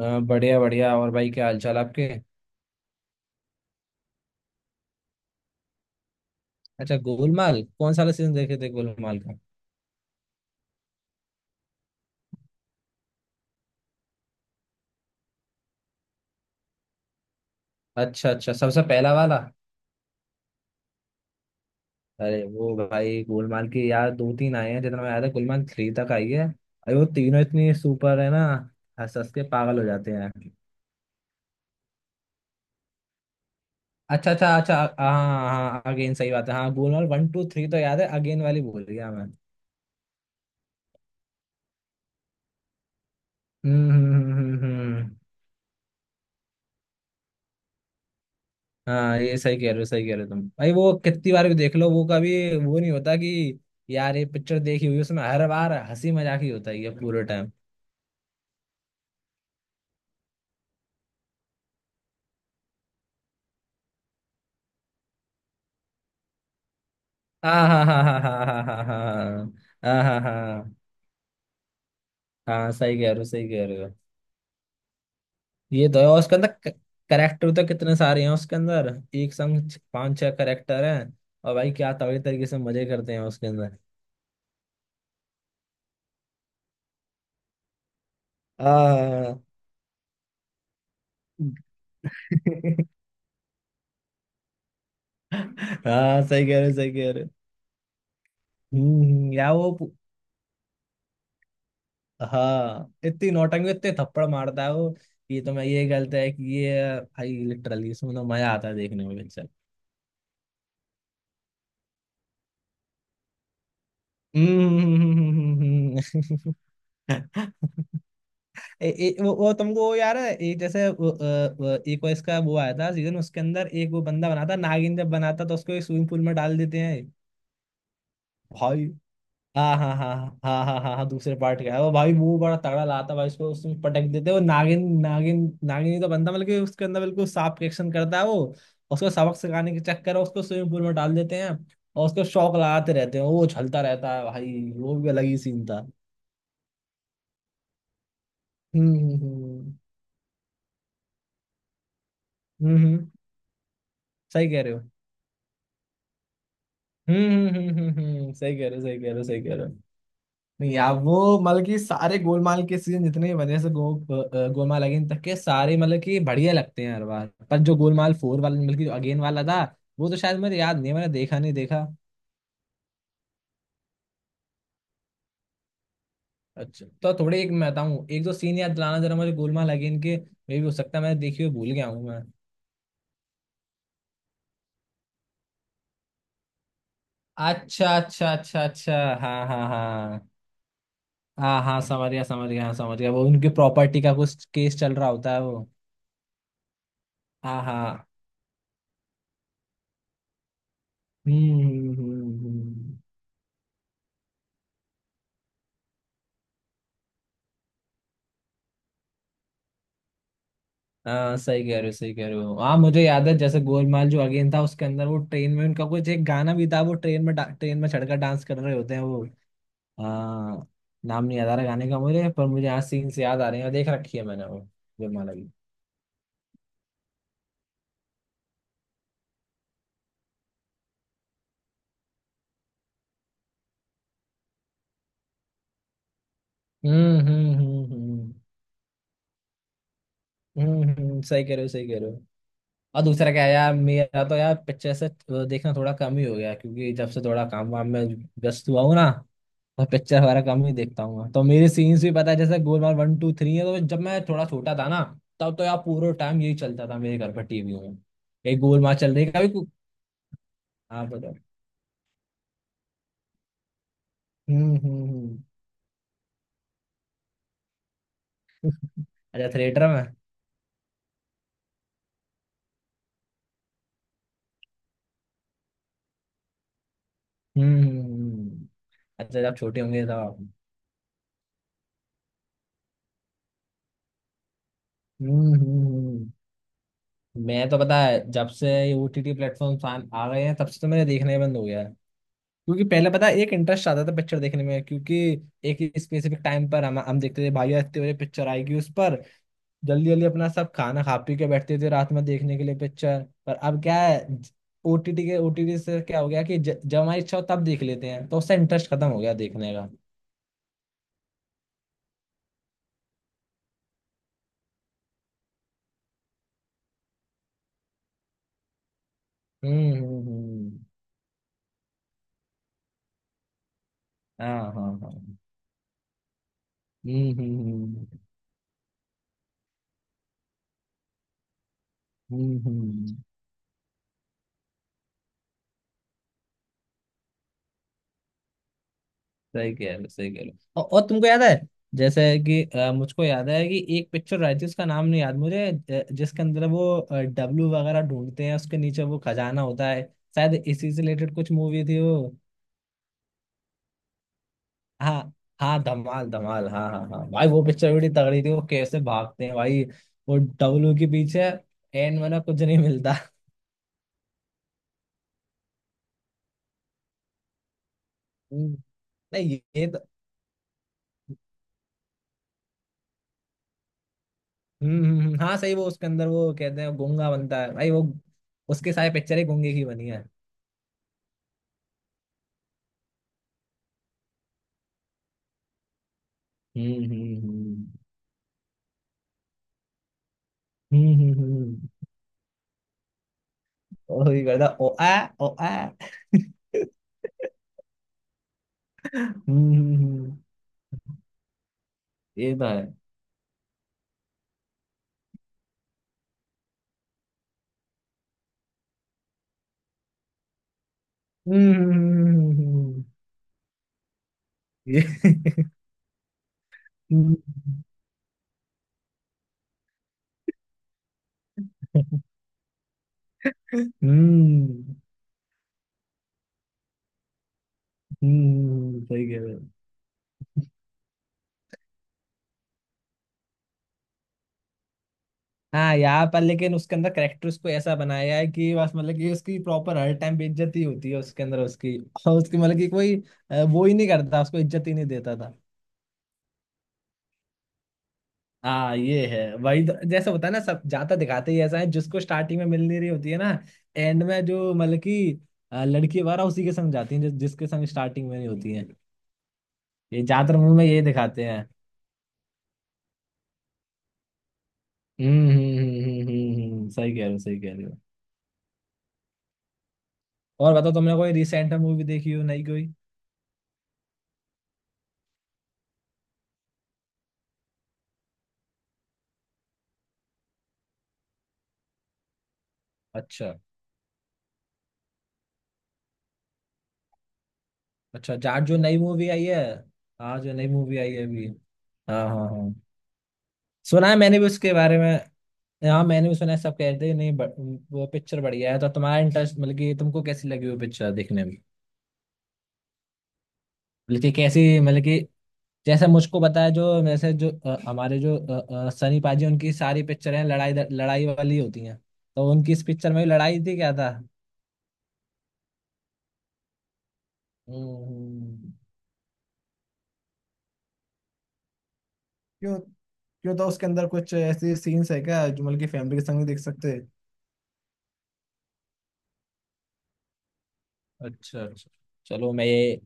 हाँ, बढ़िया बढ़िया। और भाई, क्या हालचाल आपके? अच्छा, गोलमाल कौन सा वाला सीजन देखे थे गोलमाल का? अच्छा अच्छा, सबसे पहला वाला। अरे वो भाई, गोलमाल की यार दो तीन आए हैं, जितना मैं याद है गोलमाल थ्री तक आई है। अरे वो तीनों इतनी सुपर है ना, हंस हंस के पागल हो जाते हैं। अच्छा अच्छा अच्छा, हाँ हाँ, अगेन सही बात है। हाँ, गोलमाल वन टू थ्री तो याद है, अगेन वाली बोल रही मैं। हम्म हम्म हम्म हम्म, हम्म। हाँ, ये सही कह रहे हो, सही कह रहे हो तुम भाई। वो कितनी बार भी देख लो, वो कभी वो नहीं होता कि यार ये पिक्चर देखी हुई है, उसमें हर बार हंसी मजाक ही होता ही है ये पूरे टाइम। हाँ हाँ हाँ हाँ हाँ हाँ हाँ हाँ हाँ हाँ हाँ हाँ, हाँ, सही कह रहे हो सही कह रहे हो। ये तो है, और उसके अंदर करेक्टर तो कितने सारे हैं उसके अंदर, एक संग पांच छह करेक्टर हैं। और भाई, क्या तगड़े तरीके से मजे करते हैं उसके अंदर। हाँ। हाँ हाँ, सही कह रहे हो सही कह रहे हो। या वो, हाँ, इतनी नौटंकी इतने थप्पड़ मारता है वो। ये तो मैं, ये गलत है कि ये भाई लिटरली इसमें तो मजा आता है देखने में पिक्चर। हम्म। ए, ए, वो तुमको वो यार है, एक जैसे वो, वो, एक वो इसका वो आया था सीजन, उसके अंदर एक वो बंदा बनाता नागिन, जब बनाता तो उसको एक स्विमिंग पूल में डाल देते हैं। भाई, हाँ हाँ हाँ हाँ हाँ हाँ हाँ हाँ, दूसरे पार्ट का है वो भाई। मुंह बड़ा तगड़ा लाता भाई, उसको उसमें पटक देते हैं। वो नागिन नागिन नागिन ही तो बनता, मतलब कि उसके अंदर बिल्कुल सांप के एक्शन करता है वो। उसको सबक सिखाने के चक्कर में उसको स्विमिंग पूल में डाल देते हैं, और उसको शौक लगाते रहते हैं, वो उछलता रहता है भाई। वो भी अलग ही सीन था। हम्म हम्म हम्म हम्म, हम्म, सही कह रहे हो। सही कह रहे हो सही कह रहे हो सही कह रहे हो। नहीं यार, वो मतलब कि सारे गोलमाल के सीजन जितने भी बने से गोलमाल अगेन तक के सारे मतलब कि बढ़िया लगते हैं हर बार। पर जो गोलमाल फोर वाला, मतलब कि जो अगेन वाला था, वो तो शायद मुझे याद नहीं है, मैंने देखा नहीं देखा। अच्छा, तो थोड़े एक मैं बताऊँ एक दो सीन याद दिलाना जरा मुझे गोलमाल अगेन के, मे भी हो सकता है मैंने देखी हुई भूल गया हूँ मैं। अच्छा अच्छा अच्छा अच्छा। हाँ हाँ हाँ, हाँ हाँ समझ गया समझ गया, हाँ समझ गया। वो उनकी प्रॉपर्टी का कुछ केस चल रहा होता है वो। हाँ हाँ। हम्म हम्म हम्म हम्म। हाँ, सही कह रहे हो सही कह रहे हो। हाँ मुझे याद है, जैसे गोलमाल जो अगेन था उसके अंदर वो ट्रेन में उनका कुछ एक गाना भी था। वो ट्रेन में ट्रेन में चढ़कर डांस कर रहे होते हैं वो। हाँ, नाम नहीं याद आ रहा गाने का मुझे, पर मुझे यहाँ सीन से याद आ रहे हैं, और देख रखी है मैंने वो गोलमाल की। हम्म हम्म हम्म हम्म सही कह रहे हो सही कह रहे हो। और दूसरा क्या है यार, मेरा तो यार पिक्चर से देखना थोड़ा कम ही हो गया, क्योंकि जब से थोड़ा काम वाम में व्यस्त हुआ हूँ ना। मैं पिक्चर वगैरह कम ही देखता हूँ, तो मेरे सीन्स भी पता है जैसे गोलमाल वन टू थ्री है, तो जब मैं थोड़ा छोटा था ना, तब तो यार पूरा टाइम यही चलता था मेरे घर पर टीवी में। एक गोलमाल चल रही है, कभी हाँ बताओ। हम्म हम्म हम्म। अच्छा, थिएटर में? हम्म हम्म, हम्म। अच्छा, जब छोटे होंगे तब आप। हम्म हम्म, हम्म। मैं तो पता है जब से ये ओटीटी प्लेटफॉर्म आ आ गए हैं, तब से तो मैंने देखना ही बंद हो गया है। क्योंकि पहले पता है एक इंटरेस्ट आता था पिक्चर देखने में, क्योंकि एक स्पेसिफिक टाइम पर हम देखते थे भाई, यार इतने बजे पिक्चर आएगी उस पर जल्दी जल्दी अपना सब खाना खा पी के बैठते थे रात में देखने के लिए पिक्चर। पर अब क्या है, ओटीटी के, ओटीटी से क्या हो गया कि जब हमारी इच्छा हो तब देख लेते हैं, तो उससे इंटरेस्ट खत्म हो गया देखने का। हम्म हम्म हम्म, हम्म। हाँ हाँ हाँ। हम्म हम्म हम्म हम्म, हम्म, हम्म, हम्म, हम्म। सही कह रहे हो सही कह रहे हो। और तुमको याद है जैसे कि मुझको याद है कि एक पिक्चर आई थी, उसका नाम नहीं याद मुझे, जिसके अंदर वो डब्लू वगैरह ढूंढते हैं, उसके नीचे वो खजाना होता है। शायद इसी से रिलेटेड कुछ मूवी थी वो। हाँ हाँ, धमाल धमाल, हाँ हाँ हाँ भाई, वो पिक्चर बड़ी तगड़ी थी। वो कैसे भागते हैं भाई वो डब्लू के पीछे, एन वाला कुछ नहीं मिलता। हम्म। नहीं ये तो, हाँ सही, वो उसके अंदर वो कहते हैं गूंगा बनता है भाई वो, उसके सारे पिक्चर ही गूंगे की बनी है। हम्म हम्म हम्म हम्म हम्म, वही करता ओ आ, ओ आ। हम्म। ये तो है। हम्म हम्म, हम्म, हम्म, हम्म, हम्म, ये। हम्म हम्म सही कह रहे हो। हाँ, यहाँ पर लेकिन उसके अंदर करेक्टर उसको ऐसा बनाया है कि बस, मतलब कि उसकी प्रॉपर हर टाइम बेइज्जती ही होती है उसके अंदर उसकी, और उसकी मतलब कि कोई वो ही नहीं करता, उसको इज्जत ही नहीं देता था। हाँ ये है वही तो, जैसे होता है ना सब ज्यादा दिखाते ही ऐसा है, जिसको स्टार्टिंग में मिल नहीं रही होती है ना, एंड में जो मतलब कि लड़की वगैरह उसी के संग जाती है, जिसके संग स्टार्टिंग में नहीं होती है। ये ज्यादातर मूवी में यही दिखाते हैं। सही कह रहे हो सही कह रहे हो। और बताओ, तुमने कोई रिसेंट में मूवी देखी हो? नहीं कोई? अच्छा, अच्छा जाट जो नई मूवी आई है। हाँ, जो नई मूवी आई है अभी। हाँ हाँ हाँ, सुना है मैंने भी उसके बारे में। हाँ मैंने भी सुना है, सब कह रहे थे नहीं वो पिक्चर बढ़िया है। तो तुम्हारा इंटरेस्ट, मतलब कि तुमको कैसी लगी वो पिक्चर देखने में? मतलब कि कैसी, मतलब कि जैसे मुझको बताया जो, वैसे जो हमारे जो सनी पाजी उनकी सारी पिक्चर हैं लड़ाई लड़ाई वाली होती हैं, तो उनकी इस पिक्चर में भी लड़ाई थी क्या था? हम्म। क्यों क्यों, तो उसके अंदर कुछ ऐसे सीन्स है क्या जो मतलब कि फैमिली के संग नहीं देख सकते? अच्छा अच्छा। चलो मैं ये,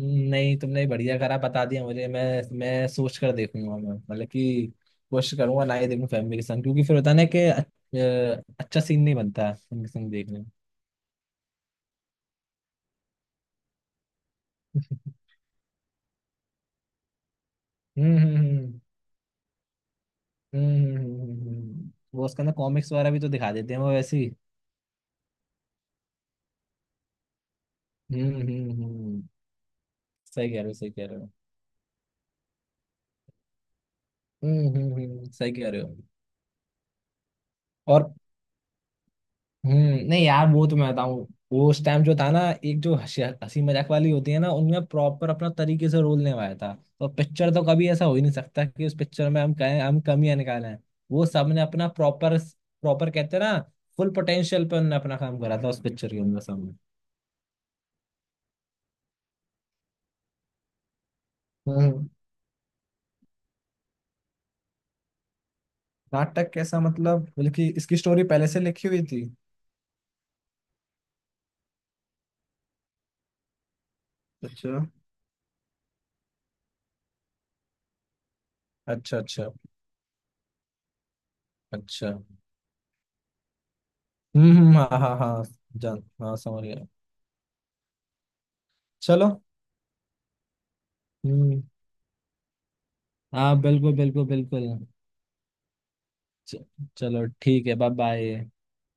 नहीं तुमने बढ़िया करा बता दिया मुझे। मैं सोच कर देखूंगा मैं, मतलब कि कोशिश करूंगा ना ही देखूं फैमिली के संग, क्योंकि फिर होता है ना कि अच्छा सीन नहीं बनता है उनके संग देखने में। हम्म हम्म हम्म हम्म हम्म, हम्म, हम्म। वो उसके अंदर कॉमिक्स वगैरह भी तो दिखा देते हैं वो वैसे ही। हम्म, सही कह रहे हो सही कह रहे हो। सही कह रहे हो। और हम्म, नहीं यार, वो तो मैं बताऊं वो उस टाइम जो था ना, एक जो हंसी हंसी मजाक वाली होती है ना उनमें प्रॉपर अपना तरीके से रोल निभाया था। तो पिक्चर तो कभी ऐसा हो ही नहीं सकता कि उस पिक्चर में हम कहें हम कमियां निकालें। वो सबने अपना प्रॉपर, प्रॉपर कहते हैं ना, फुल पोटेंशियल पे उन्होंने अपना काम करा था उस पिक्चर के अंदर सबने। हम्म। नाटक कैसा, मतलब बल्कि इसकी स्टोरी पहले से लिखी हुई थी? अच्छा अच्छा अच्छा अच्छा। हाँ हाँ हाँ, जान हाँ समझ गया। चलो। हम्म। हाँ बिल्कुल बिल्कुल बिल्कुल। च- चलो ठीक है, बाय बाय।